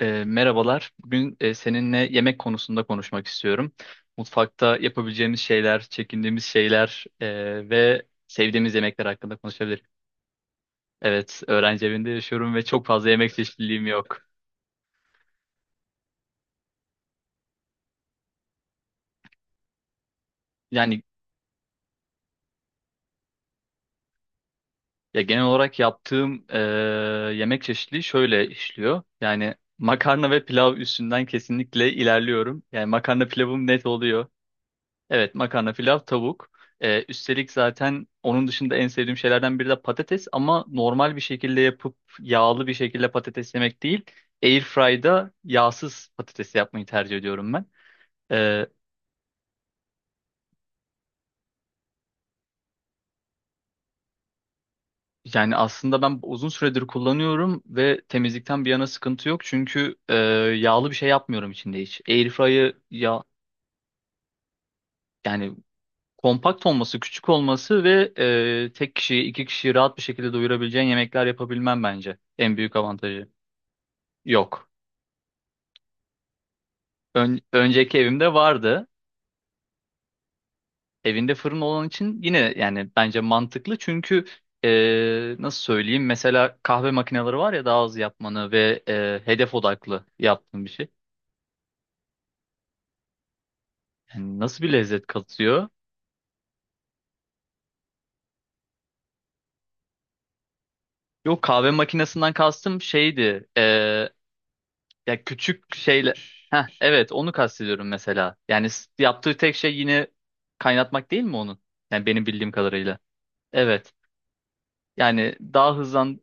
Merhabalar. Bugün seninle yemek konusunda konuşmak istiyorum. Mutfakta yapabileceğimiz şeyler, çekindiğimiz şeyler ve sevdiğimiz yemekler hakkında konuşabilirim. Evet, öğrenci evinde yaşıyorum ve çok fazla yemek çeşitliliğim yok. Yani ya genel olarak yaptığım yemek çeşitliliği şöyle işliyor. Yani makarna ve pilav üstünden kesinlikle ilerliyorum. Yani makarna pilavım net oluyor. Evet, makarna, pilav, tavuk. Üstelik zaten onun dışında en sevdiğim şeylerden biri de patates, ama normal bir şekilde yapıp yağlı bir şekilde patates yemek değil. Airfry'da yağsız patates yapmayı tercih ediyorum ben. Ee, Yani aslında ben uzun süredir kullanıyorum ve temizlikten bir yana sıkıntı yok. Çünkü yağlı bir şey yapmıyorum içinde hiç. Airfry'ı ya yani kompakt olması, küçük olması ve tek kişiyi, 2 kişiyi rahat bir şekilde doyurabileceğin yemekler yapabilmem bence en büyük avantajı. Yok. Önceki evimde vardı. Evinde fırın olan için yine yani bence mantıklı. Çünkü nasıl söyleyeyim? Mesela kahve makineleri var ya, daha hızlı yapmanı ve hedef odaklı yaptığın bir şey. Yani nasıl bir lezzet katıyor? Yok, kahve makinesinden kastım şeydi. Ya küçük şeyle. Heh, evet, onu kastediyorum mesela. Yani yaptığı tek şey yine kaynatmak değil mi onun? Yani benim bildiğim kadarıyla. Evet. Yani daha hızlan...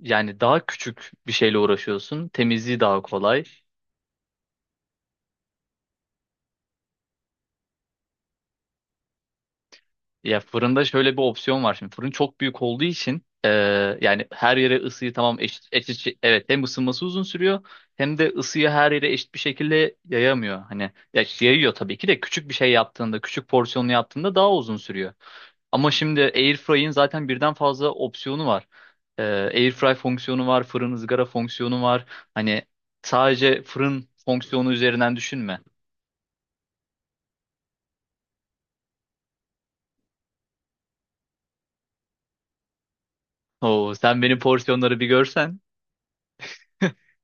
Yani daha küçük bir şeyle uğraşıyorsun. Temizliği daha kolay. Ya, fırında şöyle bir opsiyon var şimdi. Fırın çok büyük olduğu için yani her yere ısıyı tamam eşit, evet, hem ısınması uzun sürüyor hem de ısıyı her yere eşit bir şekilde yayamıyor. Hani, ya yayıyor tabii ki de, küçük bir şey yaptığında, küçük porsiyonlu yaptığında daha uzun sürüyor. Ama şimdi Airfry'in zaten birden fazla opsiyonu var. Airfry fonksiyonu var, fırın ızgara fonksiyonu var. Hani sadece fırın fonksiyonu üzerinden düşünme. Oo, sen benim porsiyonları bir görsen.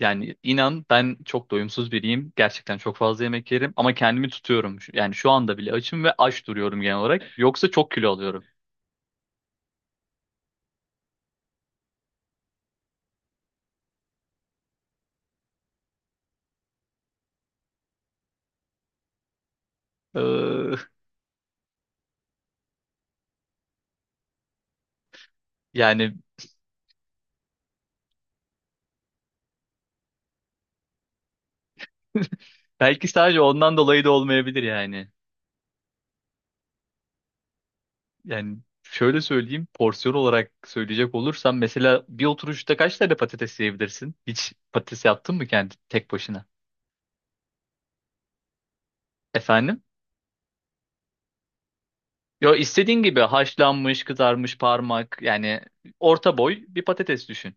Yani inan, ben çok doyumsuz biriyim. Gerçekten çok fazla yemek yerim ama kendimi tutuyorum. Yani şu anda bile açım ve aç duruyorum genel olarak. Yoksa çok kilo alıyorum. Ee, Yani belki sadece ondan dolayı da olmayabilir yani. Yani şöyle söyleyeyim, porsiyon olarak söyleyecek olursam mesela bir oturuşta kaç tane patates yiyebilirsin? Hiç patates yaptın mı kendi tek başına? Efendim? Yo, istediğin gibi, haşlanmış, kızarmış, parmak, yani orta boy bir patates düşün.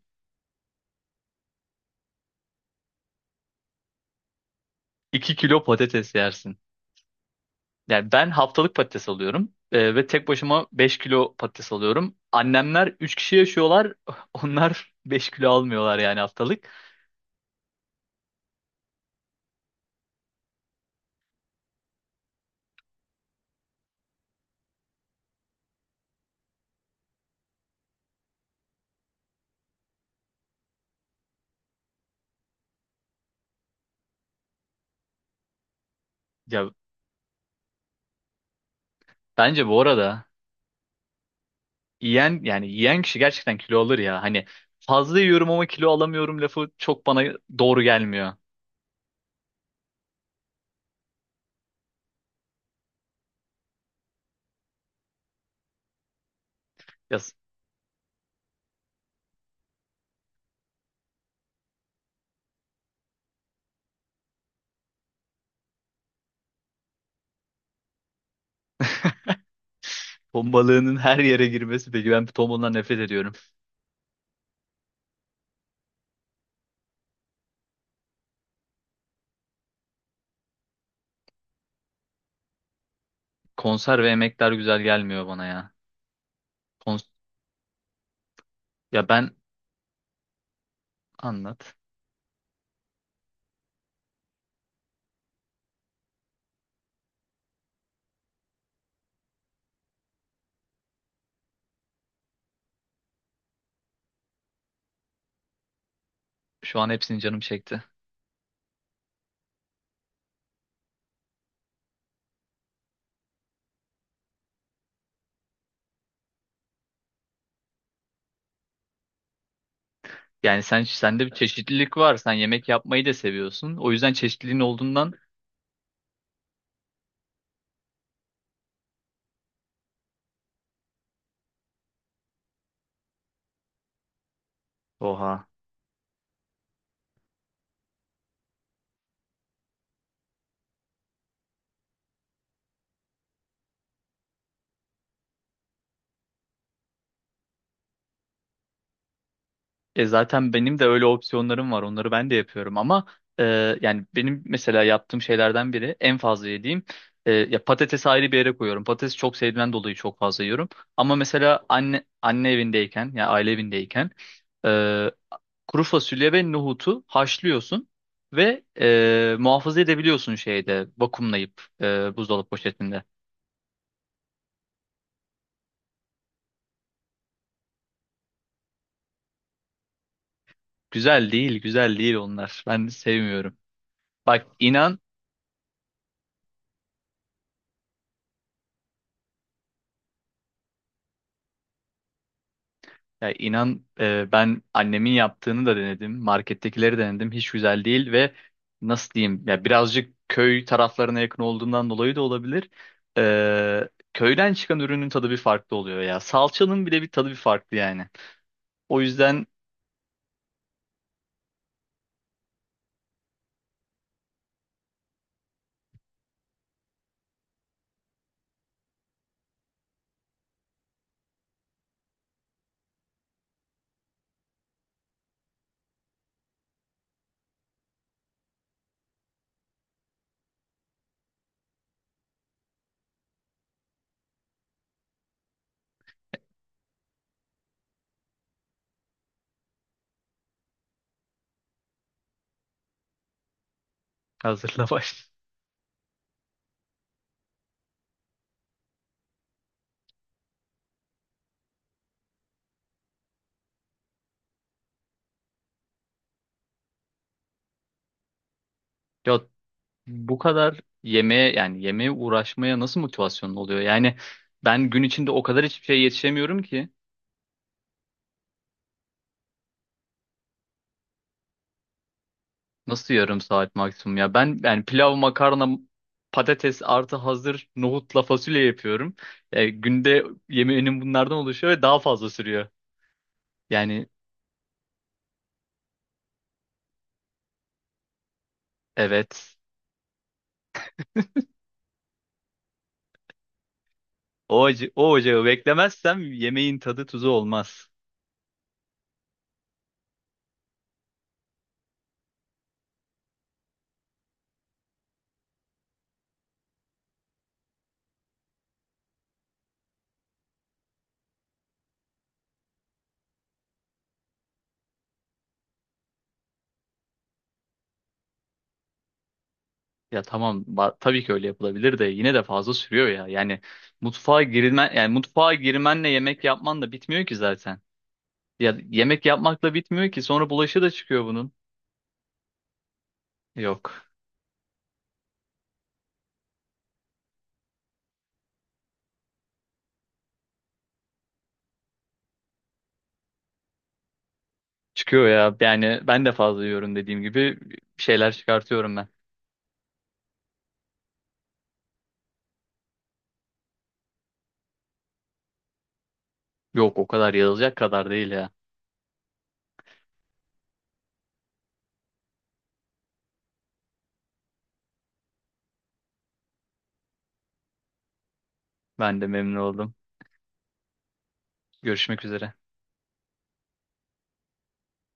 2 kilo patates yersin. Yani ben haftalık patates alıyorum ve tek başıma 5 kilo patates alıyorum. Annemler 3 kişi yaşıyorlar. Onlar 5 kilo almıyorlar yani haftalık. Ya, bence bu arada yiyen kişi gerçekten kilo alır ya. Hani, "fazla yiyorum ama kilo alamıyorum" lafı çok bana doğru gelmiyor. Ya, ton balığının her yere girmesi, peki ben ton balığından nefret ediyorum. Konser ve yemekler güzel gelmiyor bana ya. Kons- Ya ben, anlat. Şu an hepsini canım çekti. Yani sen, sende bir çeşitlilik var. Sen yemek yapmayı da seviyorsun. O yüzden çeşitliliğin olduğundan. Oha. Zaten benim de öyle opsiyonlarım var. Onları ben de yapıyorum ama e, yani benim mesela yaptığım şeylerden biri, en fazla yediğim, ya patatesi ayrı bir yere koyuyorum. Patatesi çok sevdiğimden dolayı çok fazla yiyorum. Ama mesela anne evindeyken, ya yani aile evindeyken, e, kuru fasulye ve nohutu haşlıyorsun ve muhafaza edebiliyorsun şeyde, vakumlayıp buzdolabı poşetinde. Güzel değil, güzel değil onlar. Ben sevmiyorum. Bak, inan. Ya inan, ben annemin yaptığını da denedim. Markettekileri denedim. Hiç güzel değil ve nasıl diyeyim, ya birazcık köy taraflarına yakın olduğundan dolayı da olabilir. Köyden çıkan ürünün tadı bir farklı oluyor ya. Salçanın bile bir tadı bir farklı yani. O yüzden hazırla baş. Ya bu kadar yemeğe uğraşmaya nasıl motivasyonun oluyor? Yani ben gün içinde o kadar hiçbir şey yetişemiyorum ki. Nasıl yarım saat maksimum ya? Ben yani pilav, makarna, patates, artı hazır nohutla fasulye yapıyorum. Günde yemeğinin bunlardan oluşuyor ve daha fazla sürüyor. Yani evet. O ocağı beklemezsem yemeğin tadı tuzu olmaz. Ya tamam, tabii ki öyle yapılabilir de yine de fazla sürüyor ya. Yani mutfağa girilmen yani mutfağa girmenle yemek yapman da bitmiyor ki zaten. Ya, yemek yapmakla bitmiyor ki, sonra bulaşı da çıkıyor bunun. Yok. Çıkıyor ya. Yani ben de fazla yiyorum, dediğim gibi bir şeyler çıkartıyorum ben. Yok, o kadar yazılacak kadar değil ya. Ben de memnun oldum. Görüşmek üzere.